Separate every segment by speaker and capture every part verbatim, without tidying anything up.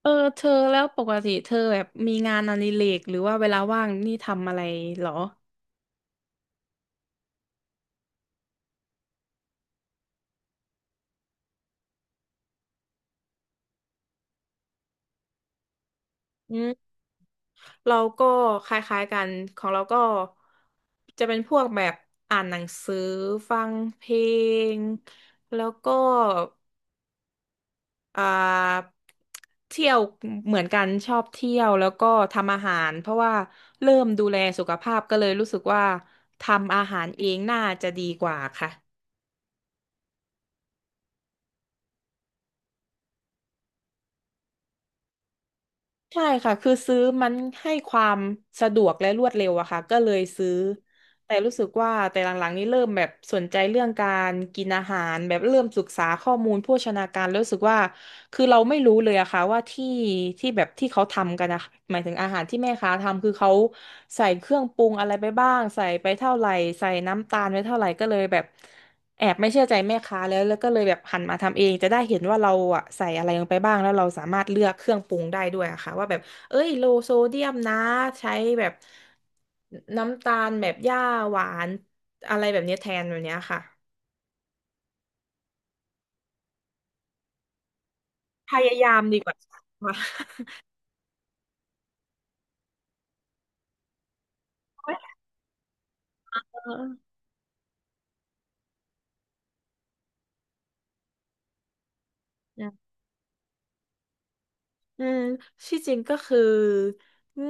Speaker 1: เออเธอแล้วปกติเธอแบบมีงานอดิเรกหรือว่าเวลาว่างนี่ทำอะไรเหรออืมเราก็คล้ายๆกันของเราก็จะเป็นพวกแบบอ่านหนังสือฟังเพลงแล้วก็อ่าเที่ยวเหมือนกันชอบเที่ยวแล้วก็ทำอาหารเพราะว่าเริ่มดูแลสุขภาพก็เลยรู้สึกว่าทำอาหารเองน่าจะดีกว่าค่ะ ใช่ค่ะคือซื้อมันให้ความสะดวกและรวดเร็วอะค่ะก็เลยซื้อ แต่รู้สึกว่าแต่หลังๆนี้เริ่มแบบสนใจเรื่องการกินอาหารแบบเริ่มศึกษาข้อมูลโภชนาการแล้วรู้สึกว่าคือเราไม่รู้เลยอะค่ะว่าที่ที่แบบที่เขาทำกันอะหมายถึงอาหารที่แม่ค้าทำคือเขาใส่เครื่องปรุงอะไรไปบ้างใส่ไปเท่าไหร่ใส่น้ำตาลไปเท่าไหร่ก็เลยแบบ แอบไม่เชื่อใจแม่ค้าแล้วแล้วก็เลยแบบหันมาทำเองจะได้เห็นว่าเราอะใส่อะไรลงไปบ้างแล้วเราสามารถเลือกเครื่องปรุงได้ด้วยอะค่ะว่าแบบเอ้ยโลโซเดียมนะใช้แบบน้ำตาลแบบหญ้าหวานอะไรแบบเนี้ยแทนแบบเนี้ยค่ะพยายามดีกว่าค่ะ เออือืมที่จริงก็คือ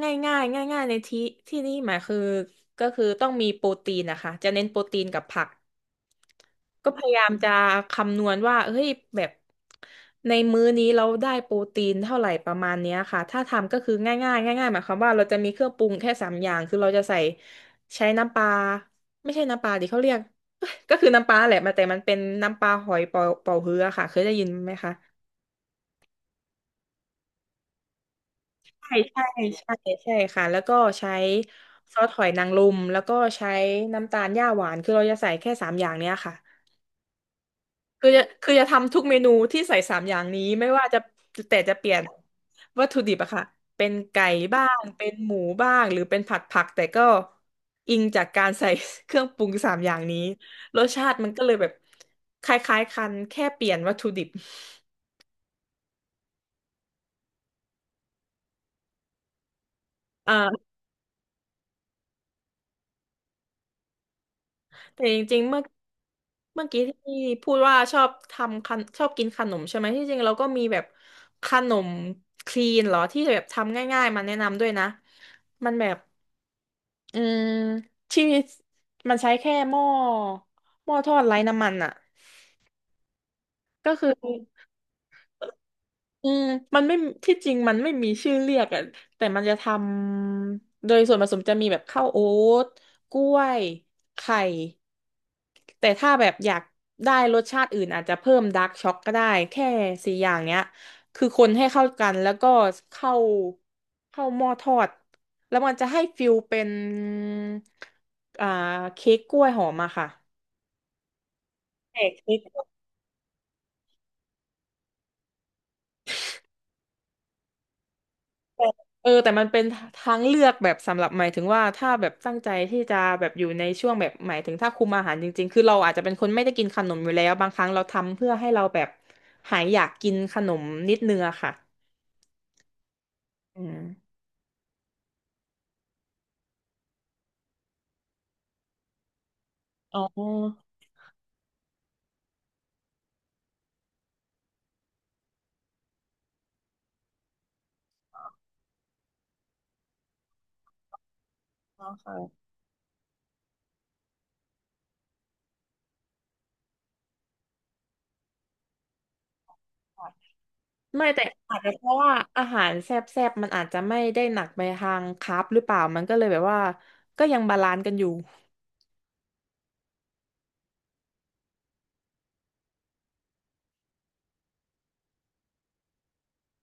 Speaker 1: ง่ายง่ายง่ายง่ายๆในที่ที่นี่หมายคือก็คือต้องมีโปรตีนนะคะจะเน้นโปรตีนกับผัก ก็พยายามจะคำนวณว่าเฮ้ยแบบในมื้อนี้เราได้โปรตีนเท่าไหร่ประมาณเนี้ยค่ะถ้าทำก็คือง่ายง่ายง่ายง่ายๆหมายความว่าเราจะมีเครื่องปรุงแค่สามอย่างคือเราจะใส่ใช้น้ำปลาไม่ใช่น้ำปลาดิเขาเรียก ก็คือน้ำปลาแหละมาแต่มันเป็นน้ำปลาหอยเป่าเป่าฮื้อค่ะเคยได้ยินไหมคะใช่ใช่ใช่ใช่ค่ะแล้วก็ใช้ซอสหอยนางรมแล้วก็ใช้น้ำตาลหญ้าหวานคือเราจะใส่แค่สามอย่างเนี้ยค่ะ คือจะคือจะทำทุกเมนูที่ใส่สามอย่างนี้ไม่ว่าจะแต่จะเปลี่ยนวัตถุดิบอะค่ะเป็นไก่บ้างเป็นหมูบ้างหรือเป็นผัดผักแต่ก็อิงจากการใส่ เครื่องปรุงสามอย่างนี้รสชาติมันก็เลยแบบคล้ายๆกันแค่เปลี่ยนวัตถุดิบเอ่อแต่จริงๆเมื่อเมื่อกี้ที่พูดว่าชอบทำขนชอบกินขนมใช่ไหมที่จริงเราก็มีแบบขนมคลีนเหรอที่แบบทำง่ายๆมาแนะนำด้วยนะมันแบบ อืมที่มันใช้แค่หม้อหม้อทอดไร้น้ำมันอ่ะก็คืออืมมันไม่ที่จริงมันไม่มีชื่อเรียกอ่ะแต่มันจะทำโดยส่วนผสมจะมีแบบข้าวโอ๊ตกล้วยไข่แต่ถ้าแบบอยากได้รสชาติอื่นอาจจะเพิ่มดาร์กช็อกก็ได้แค่สี่อย่างเนี้ยคือคนให้เข้ากันแล้วก็เข้าเข้าหม้อทอดแล้วมันจะให้ฟิลเป็นอ่าเค้กกล้วยหอมอะค่ะ แหกคิดเออแต่มันเป็นทางเลือกแบบสำหรับหมายถึงว่าถ้าแบบตั้งใจที่จะแบบอยู่ในช่วงแบบหมายถึงถ้าคุมอาหารจริงๆคือเราอาจจะเป็นคนไม่ได้กินขนมอยู่แล้วบางครั้งเราทำเพื่อให้เราแบบหายอยากกินขนมนิดนึงอะค่ะอืมอ๋ออ๋อค่ะไม่แต่อาจจะเพราะว่าอาหารแซ่บๆมันอาจจะไม่ได้หนักไปทางคาร์บหรือเปล่ามันก็เลยแบบว่าก็ยังบาลานซ์กันอยู่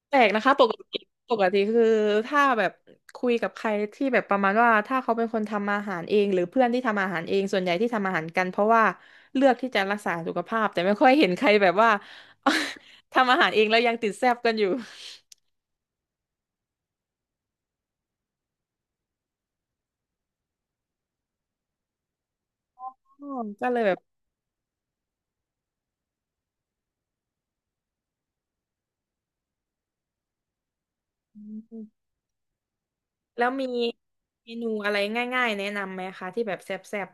Speaker 1: แปลกนะคะปกติปกติคือถ้าแบบคุยกับใครที่แบบประมาณว่าถ้าเขาเป็นคนทำอาหารเองหรือเพื่อนที่ทำอาหารเองส่วนใหญ่ที่ทำอาหารกันเพราะว่าเลือกที่จะรักษาสุขภาพแต่ไม่ค่อยเห็นใครแบบว่า ทำอาหารเองแล้วยังติดแซ่บกันอยู่ อ๋อก็เลยแบบอืมแล้วมีเมนูอะไรง่ายๆแนะนำไหมคะที่แบบแซ่บ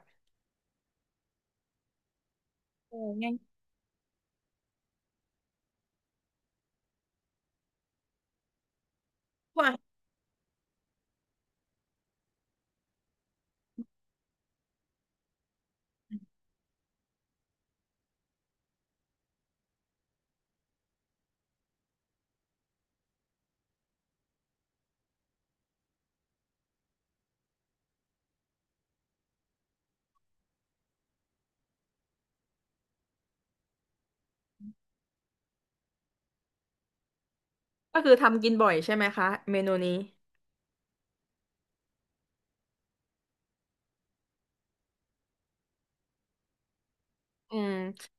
Speaker 1: ๆเออง่ายพวกก็คือทำกินบ่อยใช่ไหมคะเมนูนี้อืม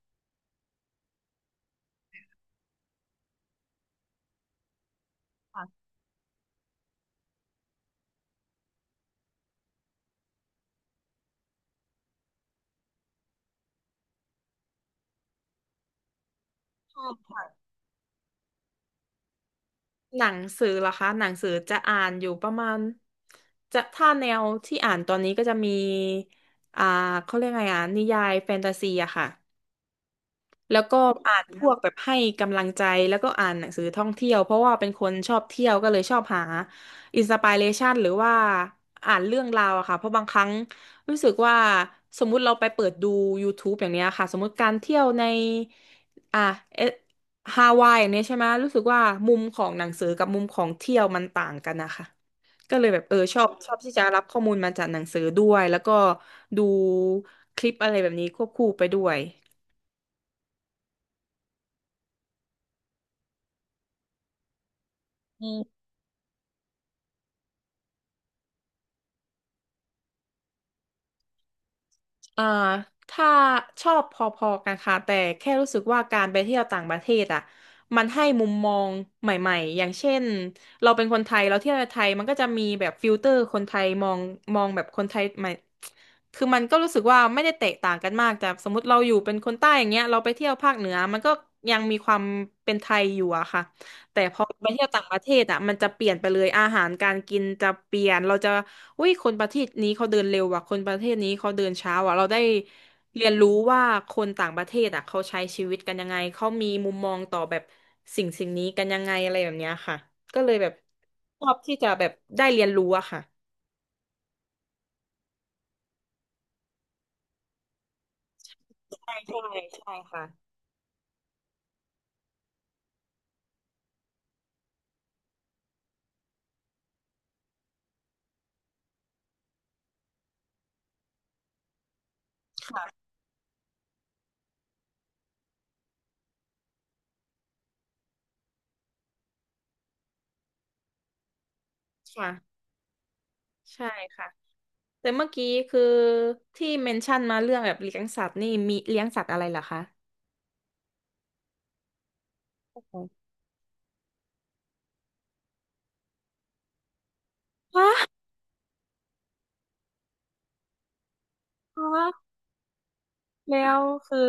Speaker 1: หนังสือเหรอคะหนังสือจะอ่านอยู่ประมาณจะถ้าแนวที่อ่านตอนนี้ก็จะมีอ่าเขาเรียกไงอ่ะนิยายแฟนตาซีอะค่ะ แล้วก็อ่านพวกแบบให้กำลังใจแล้วก็อ่านหนังสือท่องเที่ยวเพราะว่าเป็นคนชอบเที่ยวก็เลยชอบหาอินสปิเรชันหรือว่าอ่านเรื่องราวอะค่ะเพราะบางครั้งรู้สึกว่าสมมุติเราไปเปิดดู ยูทูบ อย่างเนี้ยค่ะสมมุติการเที่ยวในอ่ะเอฮาวายอย่างเนี้ยใช่ไหมรู้สึกว่ามุมของหนังสือกับมุมของเที่ยวมันต่างกันนะคะก็เลยแบบเออชอบชอบที่จะรับข้อมูลมาจากหนังสือด้วยแล้วก็ดูคลิปอะไรแบบนี้ควบคู่ไปด้วยอืม อ่าถ้าชอบพอๆกันค่ะแต่แค่รู้สึกว่าการไปเที่ยวต่างประเทศอ่ะมันให้มุมมองใหม่ๆ อย่างเช่นเราเป็นคนไทยเราเที่ยวในไทยมันก็จะมีแบบฟิลเตอร์คนไทยมองมองแบบคนไทยใหม่คือมันก็รู้สึกว่าไม่ได้แตกต่างกันมากแต่สมมติเราอยู่เป็นคนใต้อย่างเงี้ยเราไปเที่ยวภาคเหนือมันก็ยังมีความเป็นไทยอยู่อะค่ะ แต่พอไปเที่ยวต่างประเทศอ่ะมันจะเปลี่ยนไปเลยอาหารการกินจะเปลี่ยนเราจะอุ้ยคนประเทศนี้เขาเดินเร็วว่ะคนประเทศนี้เขาเดินช้าว่ะเราได้เรียนรู้ว่าคนต่างประเทศอ่ะเขาใช้ชีวิตกันยังไงเขามีมุมมองต่อแบบสิ่งสิ่งนี้กันยังไงอะไรแบบเนี้ยค่ะก็เลยแบบชอบที่จะแบบได้เรียนรู้อะค่ะใช่ใช่ใช่ค่ะค่ะใช่ค่ะแต่เมื่อกี้คือที่เมนชั่นมาเรื่องแบบเลี้ยงสัตว์นี่มีเลี้ยงสัตว์อะไรเหรอคะฮะฮะ แล้วคือ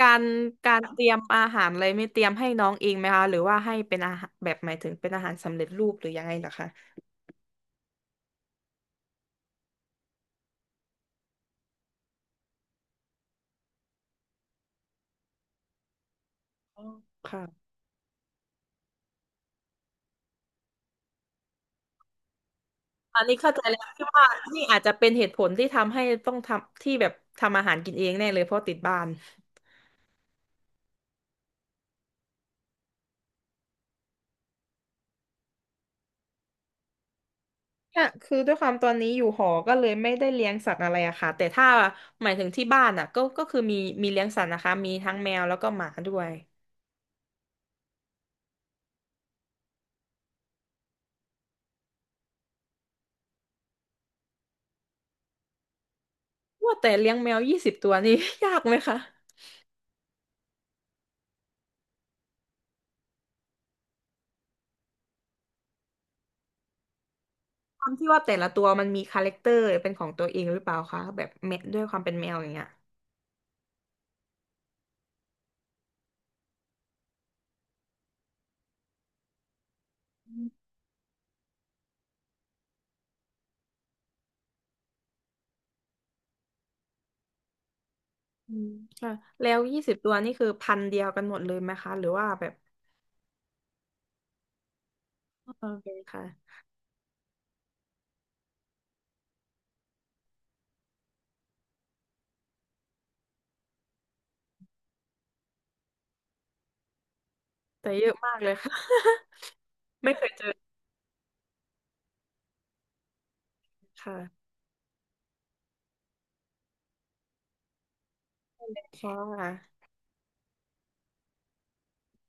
Speaker 1: การการเตรียมอาหารอะไรไม่เตรียมให้น้องเองไหมคะหรือว่าให้เป็นอาหารแบบหมายถึงเป็นอาหารสำเร็จรูปหรือยังไงเหรอคะอ๋อค่ะอันนี้เข้าใจแล้วที่ว่านี่อาจจะเป็นเหตุผลที่ทำให้ต้องทำที่แบบทำอาหารกินเองแน่เลยเพราะติดบ้านเนี่ยคือด้วยความตอนนี้อยู่หอก็เลยไม่ได้เลี้ยงสัตว์อะไรอะค่ะแต่ถ้าหมายถึงที่บ้านอะก็ก็คือมีมีเลี้ยงสัตว์นะคะมีทั้งแมวแล้วก็หมาด้วยว่าแต่เลี้ยงแมวยี่สิบตัวนี่ ยากไหมคะ ความที่ว่าแต่ละตัวมันมีคาแรคเตอร์เป็นของตัวเองหรือเปล่าคะแบบแมวด้วยความเป็นแมวอย่างเงี้ยอืมค่ะแล้วยี่สิบตัวนี่คือพันธุ์เดียวกันหมดเลยไหมคะหรือว่าแบบโอเคค่ะแต่เยอะมากเลยค่ะ ไม่เคยเจอค่ะค่ะ